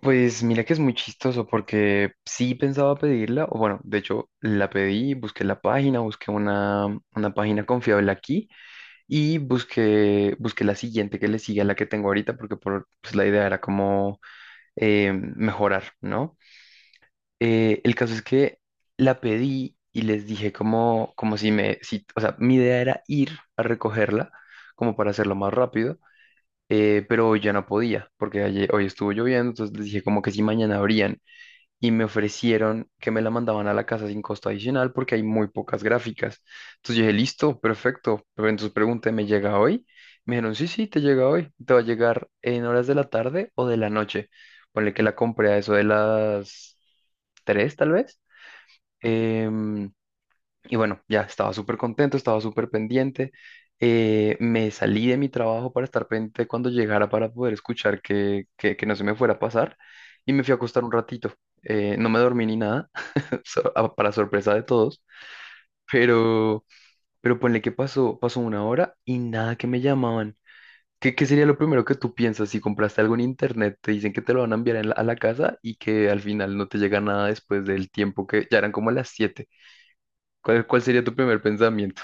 Pues mira que es muy chistoso porque sí pensaba pedirla, o bueno, de hecho la pedí, busqué la página, busqué una página confiable aquí y busqué la siguiente que le sigue a la que tengo ahorita porque pues la idea era como mejorar, ¿no? El caso es que la pedí y les dije como si me, si, o sea, mi idea era ir a recogerla como para hacerlo más rápido, pero hoy ya no podía porque ayer, hoy estuvo lloviendo. Entonces les dije como que si mañana abrían, y me ofrecieron que me la mandaban a la casa sin costo adicional porque hay muy pocas gráficas. Entonces yo dije, listo, perfecto. Pero entonces pregunté, ¿me llega hoy? Me dijeron, sí, sí, te llega hoy. Te va a llegar en horas de la tarde o de la noche. Ponle que la compré a eso de las 3 tal vez. Em, y bueno, ya estaba súper contento, estaba súper pendiente. Me salí de mi trabajo para estar pendiente cuando llegara, para poder escuchar que no se me fuera a pasar. Y me fui a acostar un ratito. No me dormí ni nada, para sorpresa de todos. Pero, pero ponle que pasó una hora y nada que me llamaban. ¿Qué sería lo primero que tú piensas si compraste algo en internet? Te dicen que te lo van a enviar a la casa y que al final no te llega nada después del tiempo, que ya eran como las 7. ¿Cuál sería tu primer pensamiento?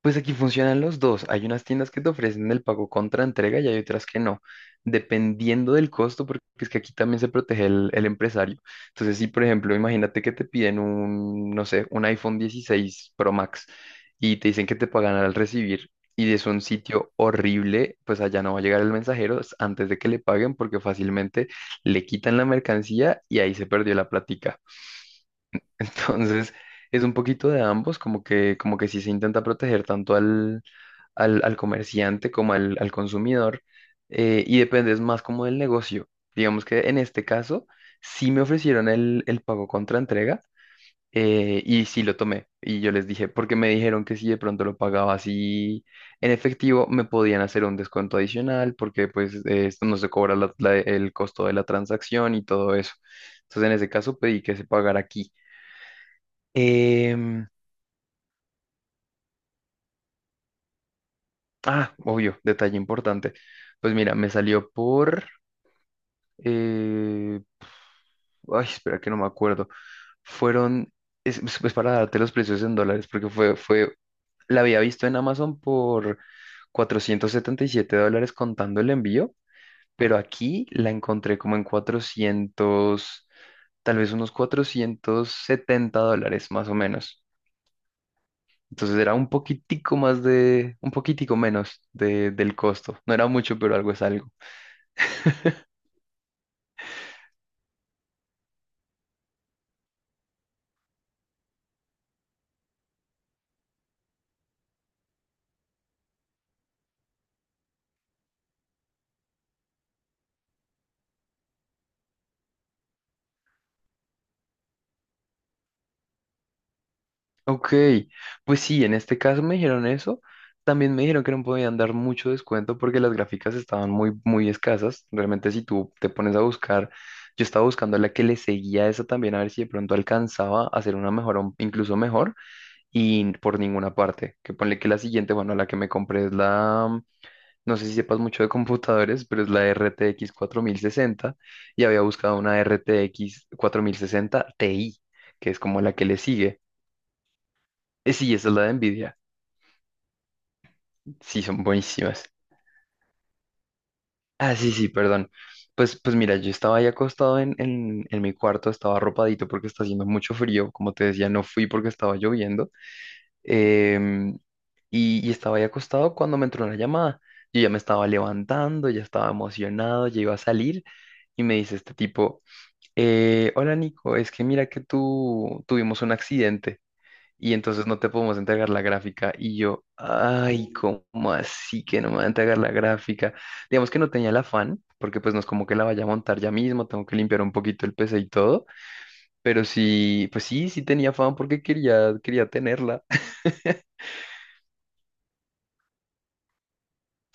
Pues aquí funcionan los dos. Hay unas tiendas que te ofrecen el pago contra entrega y hay otras que no, dependiendo del costo, porque es que aquí también se protege el empresario. Entonces, si por ejemplo, imagínate que te piden un, no sé, un iPhone 16 Pro Max, y te dicen que te pagan al recibir y es un sitio horrible, pues allá no va a llegar el mensajero antes de que le paguen, porque fácilmente le quitan la mercancía y ahí se perdió la plática. Entonces... Es un poquito de ambos, como que sí se intenta proteger tanto al comerciante como al consumidor, y dependes más como del negocio. Digamos que en este caso sí me ofrecieron el pago contra entrega, y sí lo tomé. Y yo les dije, porque me dijeron que si de pronto lo pagaba así en efectivo, me podían hacer un descuento adicional, porque pues esto no se cobra el costo de la transacción y todo eso. Entonces en ese caso pedí que se pagara aquí. Em, ah, obvio, detalle importante. Pues mira, me salió por, Eh, ay, espera que no me acuerdo. Fueron, pues para darte los precios en dólares, porque la había visto en Amazon por $477 contando el envío, pero aquí la encontré como en 400, tal vez unos $470 más o menos. Entonces era un poquitico más de, un poquitico menos de, del costo. No era mucho, pero algo es algo. Ok, pues sí, en este caso me dijeron eso. También me dijeron que no podían dar mucho descuento porque las gráficas estaban muy, muy escasas. Realmente si tú te pones a buscar, yo estaba buscando la que le seguía a esa también, a ver si de pronto alcanzaba a hacer una mejor, o incluso mejor, y por ninguna parte. Que ponle que la siguiente, bueno, la que me compré es la, no sé si sepas mucho de computadores, pero es la RTX 60. Y había buscado una RTX 60 Ti, que es como la que le sigue. Sí, esa es la de Nvidia. Sí, son buenísimas. Ah, sí, sí, perdón. Pues mira, yo estaba ahí acostado en mi cuarto, estaba arropadito porque está haciendo mucho frío. Como te decía, no fui porque estaba lloviendo. Em, y estaba ahí acostado cuando me entró una llamada. Yo ya me estaba levantando, ya estaba emocionado, ya iba a salir. Y me dice este tipo, hola Nico, es que mira que tú tuvimos un accidente. Y entonces no te podemos entregar la gráfica. Y yo, ay, ¿cómo así que no me van a entregar la gráfica? Digamos que no tenía el afán, porque pues no es como que la vaya a montar ya mismo, tengo que limpiar un poquito el PC y todo, pero sí, pues sí, sí tenía afán porque quería tenerla.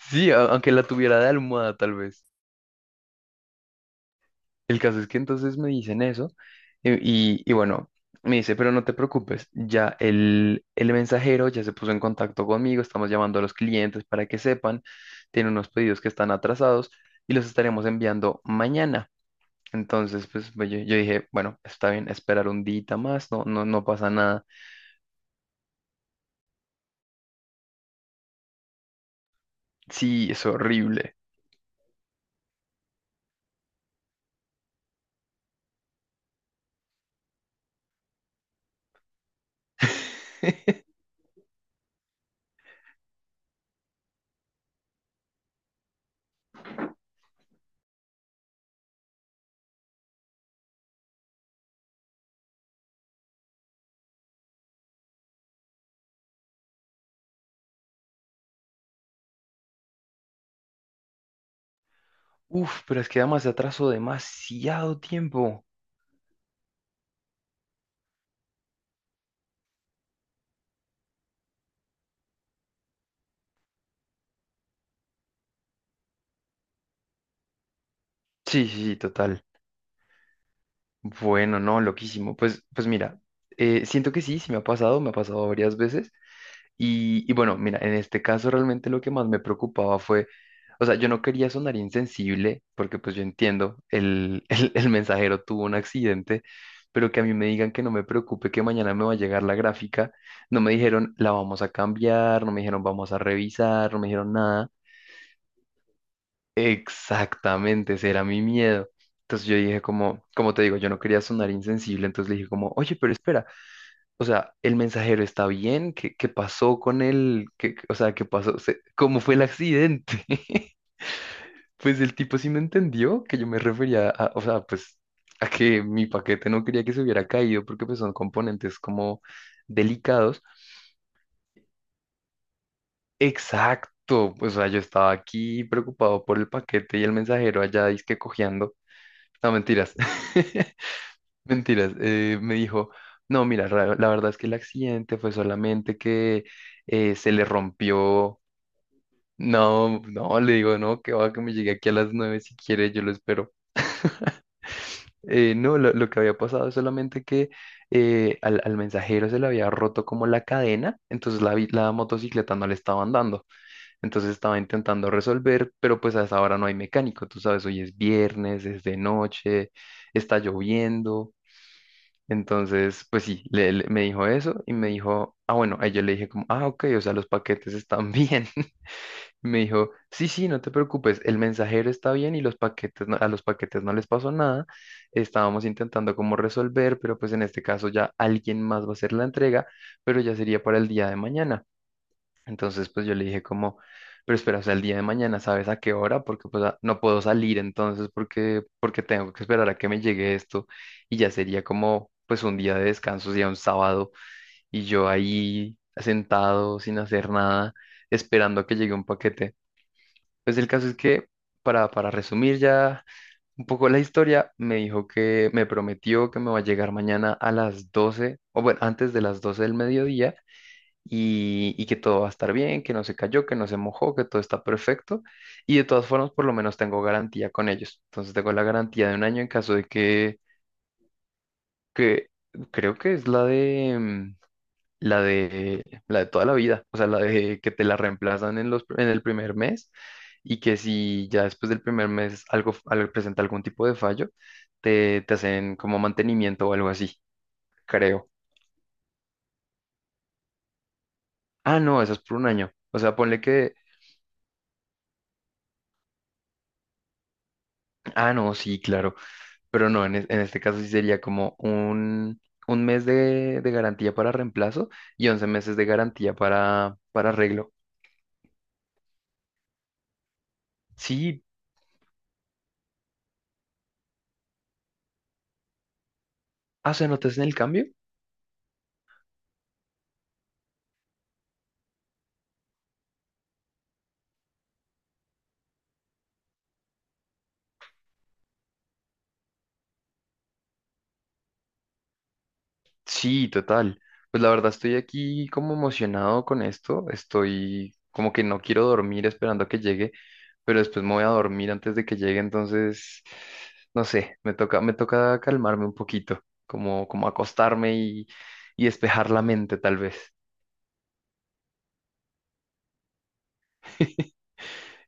Sí, aunque la tuviera de almohada tal vez. El caso es que entonces me dicen eso. Y bueno, me dice, pero no te preocupes, ya el mensajero ya se puso en contacto conmigo, estamos llamando a los clientes para que sepan. Tiene unos pedidos que están atrasados y los estaremos enviando mañana. Entonces, yo dije, bueno, está bien, esperar un día más, no, no, no pasa nada. Sí, es horrible. Uf, pero es que además se atrasó demasiado tiempo. Sí, sí, sí, total. Bueno, no, loquísimo. Pues mira, siento que sí, sí me ha pasado varias veces. Y bueno, mira, en este caso realmente lo que más me preocupaba fue, o sea, yo no quería sonar insensible, porque pues yo entiendo, el, el mensajero tuvo un accidente, pero que a mí me digan que no me preocupe, que mañana me va a llegar la gráfica. No me dijeron, la vamos a cambiar, no me dijeron, vamos a revisar, no me dijeron nada. Exactamente, ese era mi miedo. Entonces yo dije como, como te digo, yo no quería sonar insensible, entonces le dije como, oye, pero espera, o sea, el mensajero está bien, ¿qué pasó con él? O sea, ¿qué pasó? ¿Cómo fue el accidente? Pues el tipo sí me entendió que yo me refería a, o sea, pues, a que mi paquete no quería que se hubiera caído porque pues son componentes como delicados. Exacto, o sea, yo estaba aquí preocupado por el paquete y el mensajero allá que cojeando. No, mentiras. Mentiras, me dijo, no, mira, la verdad es que el accidente fue solamente que se le rompió. No, no, le digo, no, que va, que me llegue aquí a las 9 si quiere, yo lo espero. No, lo que había pasado es solamente que al mensajero se le había roto como la cadena, entonces la motocicleta no le estaba andando, entonces estaba intentando resolver, pero pues a esa hora no hay mecánico, tú sabes, hoy es viernes, es de noche, está lloviendo. Entonces, pues sí, me dijo eso y me dijo, ah, bueno, ahí yo le dije como, ah, ok, o sea, los paquetes están bien. Me dijo, sí, sí, no te preocupes, el mensajero está bien y los paquetes, a los paquetes no les pasó nada. Estábamos intentando como resolver, pero pues en este caso ya alguien más va a hacer la entrega, pero ya sería para el día de mañana. Entonces, pues yo le dije como, pero espera, hasta el día de mañana, ¿sabes a qué hora? Porque pues no puedo salir entonces porque tengo que esperar a que me llegue esto, y ya sería como pues un día de descanso, sería un sábado y yo ahí sentado sin hacer nada, esperando a que llegue un paquete. Pues el caso es que, para resumir ya un poco la historia, me dijo que me prometió que me va a llegar mañana a las 12, o bueno, antes de las 12 del mediodía, y que todo va a estar bien, que no se cayó, que no se mojó, que todo está perfecto. Y de todas formas, por lo menos tengo garantía con ellos. Entonces tengo la garantía de un año en caso de que creo que es la de toda la vida, o sea, la de que te la reemplazan en el primer mes, y que si ya después del primer mes presenta algún tipo de fallo, te hacen como mantenimiento o algo así, creo. Ah, no, eso es por un año. O sea, ponle que... Ah, no, sí, claro. Pero no, en este caso sí sería como un mes de garantía para reemplazo, y 11 meses de garantía para arreglo. Sí, ah, ¿se notas en el cambio? Sí, total. Pues la verdad estoy aquí como emocionado con esto. Estoy como que no quiero dormir esperando a que llegue, pero después me voy a dormir antes de que llegue. Entonces, no sé, me toca calmarme un poquito, como acostarme y despejar la mente tal vez.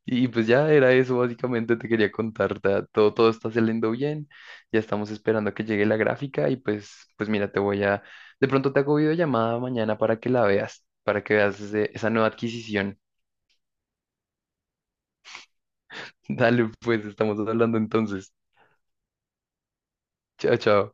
Y pues ya era eso, básicamente te quería contar, todo está saliendo bien, ya estamos esperando a que llegue la gráfica. Y pues mira, de pronto te hago videollamada mañana para que la veas, para que veas esa nueva adquisición. Dale, pues estamos hablando entonces. Chao, chao.